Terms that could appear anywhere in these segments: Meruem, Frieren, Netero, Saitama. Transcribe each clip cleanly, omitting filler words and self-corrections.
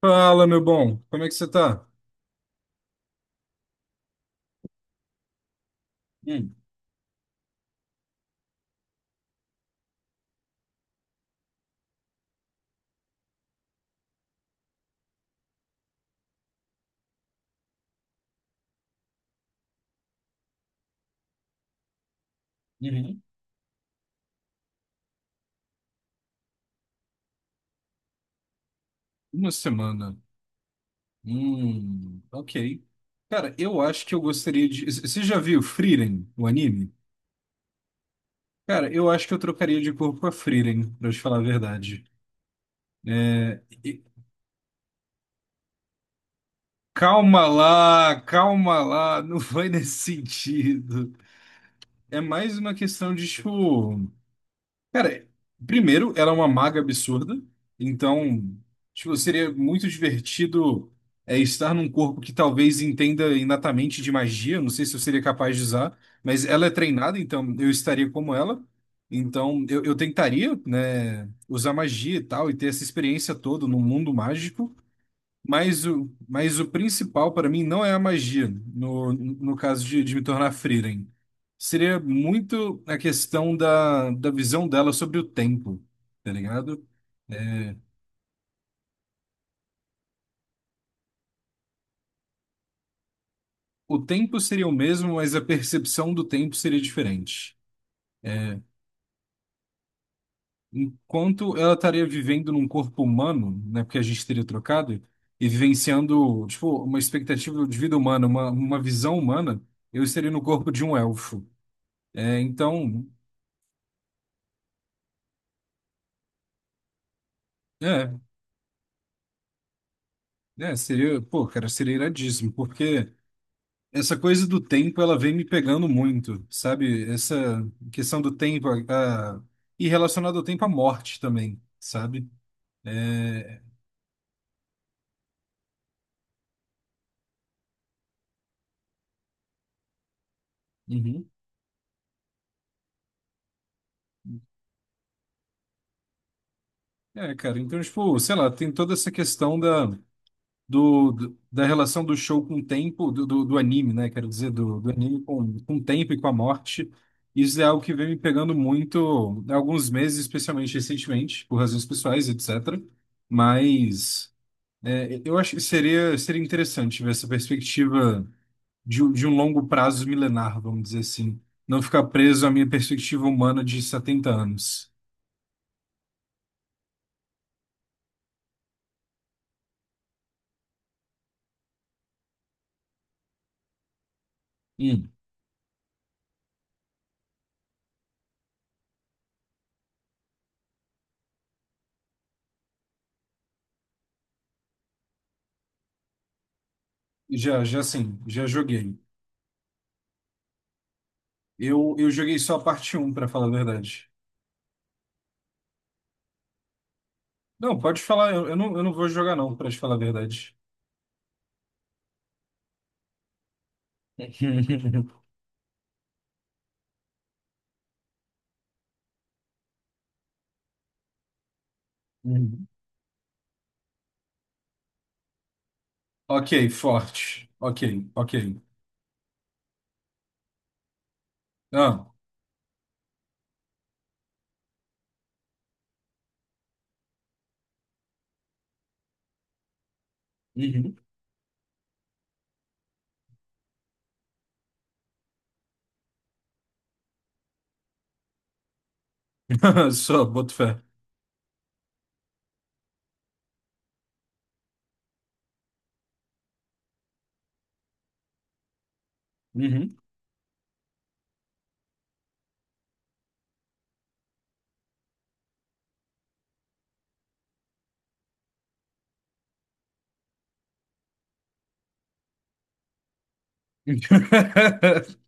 Fala, meu bom, como é que você tá? Hum, uhum. Uma semana. Ok. Cara, eu acho que eu gostaria de. Você já viu Frieren, o anime? Cara, eu acho que eu trocaria de corpo com a Frieren, pra te falar a verdade. É, e- calma lá, não foi nesse sentido. É mais uma questão de, tipo. Cara, primeiro, ela é uma maga absurda, então, tipo, seria muito divertido estar num corpo que talvez entenda inatamente de magia, não sei se eu seria capaz de usar, mas ela é treinada, então eu estaria como ela, então eu tentaria, né, usar magia e tal, e ter essa experiência toda num mundo mágico, mas o principal para mim não é a magia, no caso de me tornar Frieren. Seria muito a questão da visão dela sobre o tempo, tá ligado? O tempo seria o mesmo, mas a percepção do tempo seria diferente. Enquanto ela estaria vivendo num corpo humano, né, porque a gente teria trocado, e vivenciando, tipo, uma expectativa de vida humana, uma visão humana, eu estaria no corpo de um elfo. Então. É, Seria, pô, cara, seria iradíssimo, porque essa coisa do tempo, ela vem me pegando muito, sabe? Essa questão do tempo, e relacionado ao tempo, a morte também, sabe? É, uhum. É, cara, então, tipo, sei lá, tem toda essa questão da, da relação do show com o tempo, do anime, né? Quero dizer, do anime com o tempo e com a morte. Isso é algo que vem me pegando muito há alguns meses, especialmente recentemente, por razões pessoais, etc. Mas eu acho que seria interessante ver essa perspectiva de um longo prazo milenar, vamos dizer assim. Não ficar preso à minha perspectiva humana de 70 anos. Hum, já sim, já joguei. Eu joguei só a parte um para falar a verdade. Não, pode falar, eu não vou jogar não, para te falar a verdade. Uhum. Ok, forte. Ok, ok. Ah, uhum. Só, boto fé. Uhum.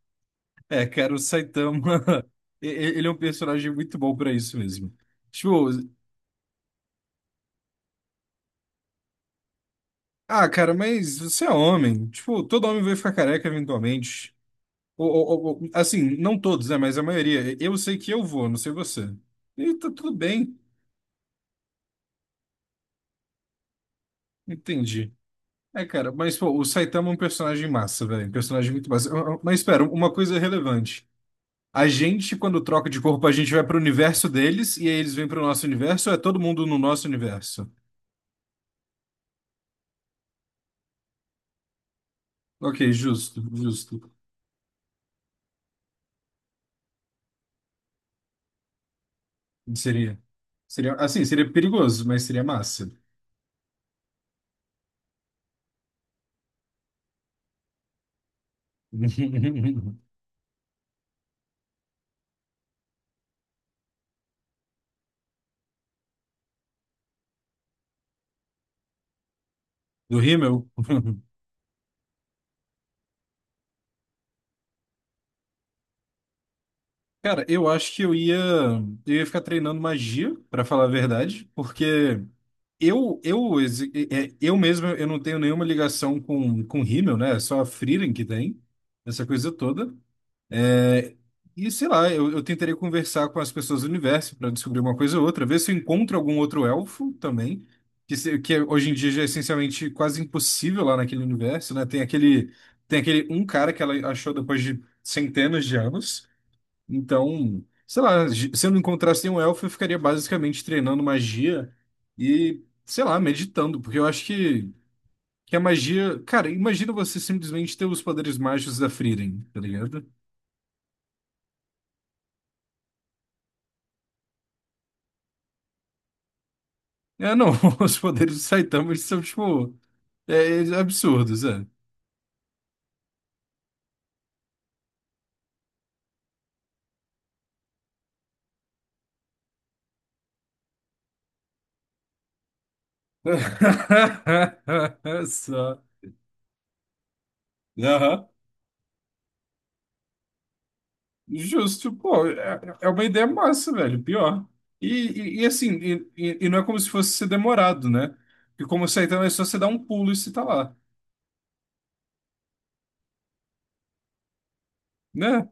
É, cara, o Saitama, e- e- ele é um personagem muito bom pra isso mesmo. Tipo, ah, cara, mas você é homem. Tipo, todo homem vai ficar careca eventualmente. Ou assim, não todos, né? Mas a maioria. Eu sei que eu vou, não sei você. E tá tudo bem. Entendi. É, cara, mas pô, o Saitama é um personagem massa, velho. Um personagem muito massa. Ah, ah, mas espera, uma coisa relevante. A gente, quando troca de corpo, a gente vai pro universo deles e aí eles vêm pro nosso universo ou é todo mundo no nosso universo? Ok, justo, justo. Seria, seria, assim, seria perigoso, mas seria massa. Do rímel? Cara, eu acho que eu ia ficar treinando magia, pra falar a verdade, porque eu, exi- é, é, eu mesmo, eu não tenho nenhuma ligação com rímel, né? É só a Frieren que tem, essa coisa toda. E sei lá, eu tentarei conversar com as pessoas do universo para descobrir uma coisa ou outra, ver se eu encontro algum outro elfo também, que, se- que hoje em dia já é essencialmente quase impossível lá naquele universo, né? Tem aquele um cara que ela achou depois de centenas de anos. Então, sei lá, se eu não encontrasse nenhum elfo, eu ficaria basicamente treinando magia e, sei lá, meditando, porque eu acho que a magia. Cara, imagina você simplesmente ter os poderes mágicos da Frieren, tá ligado? É, não, os poderes do Saitama eles são, tipo, é, absurdos, é. Só. Aham. Justo, pô, é uma ideia massa, velho, pior. E assim, e não é como se fosse ser demorado, né? Porque como o Saitama é só você dar um pulo e você tá lá, né?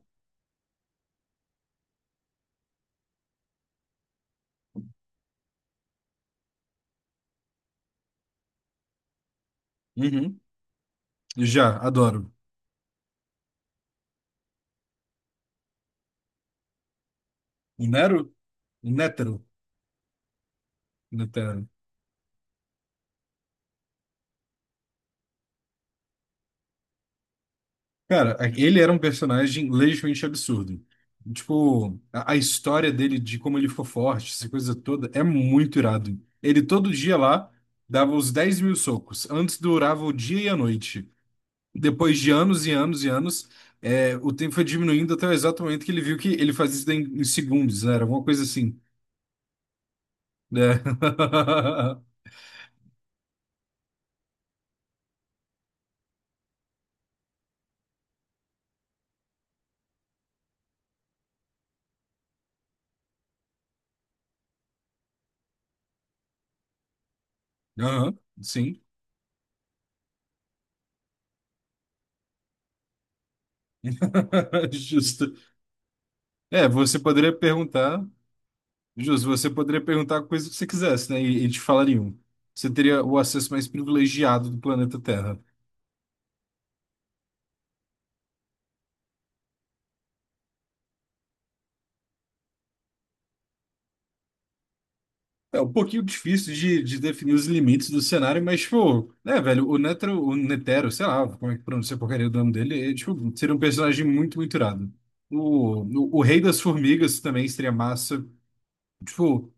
Uhum. Já, adoro. Nero? Nétero? Netero. Cara, ele era um personagem legitimamente absurdo. Tipo, a história dele, de como ele ficou forte, essa coisa toda, é muito irado. Ele todo dia lá dava os 10.000 socos. Antes durava o dia e a noite. Depois de anos e anos e anos, o tempo foi diminuindo até o exato momento que ele viu que ele fazia isso em, segundos, né? Era alguma coisa assim, né? Aham, sim. Justo. É, você poderia perguntar. Você poderia perguntar a coisa que você quisesse, né? E te falariam. Você teria o acesso mais privilegiado do planeta Terra. É um pouquinho difícil de definir os limites do cenário, mas, tipo, né, velho, o Netero, sei lá, como é que pronuncia a porcaria do nome dele, tipo, seria um personagem muito, muito irado. O Rei das Formigas também seria massa. Tipo,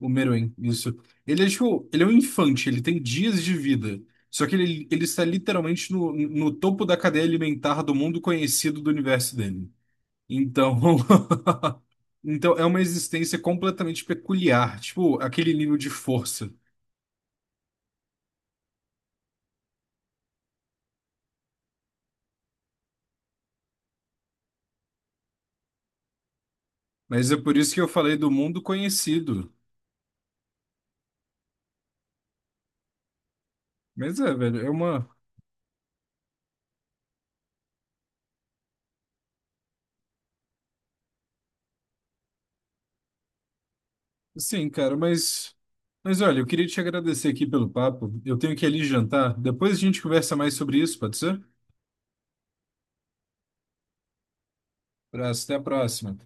o Meruem, isso. Ele é tipo, ele é um infante, ele tem dias de vida. Só que ele está literalmente no topo da cadeia alimentar do mundo conhecido do universo dele. Então, então é uma existência completamente peculiar, tipo aquele nível de força. Mas é por isso que eu falei do mundo conhecido. Mas é, velho, é uma, sim, cara, mas olha, eu queria te agradecer aqui pelo papo. Eu tenho que ir ali jantar. Depois a gente conversa mais sobre isso, pode ser? Abraço, até a próxima.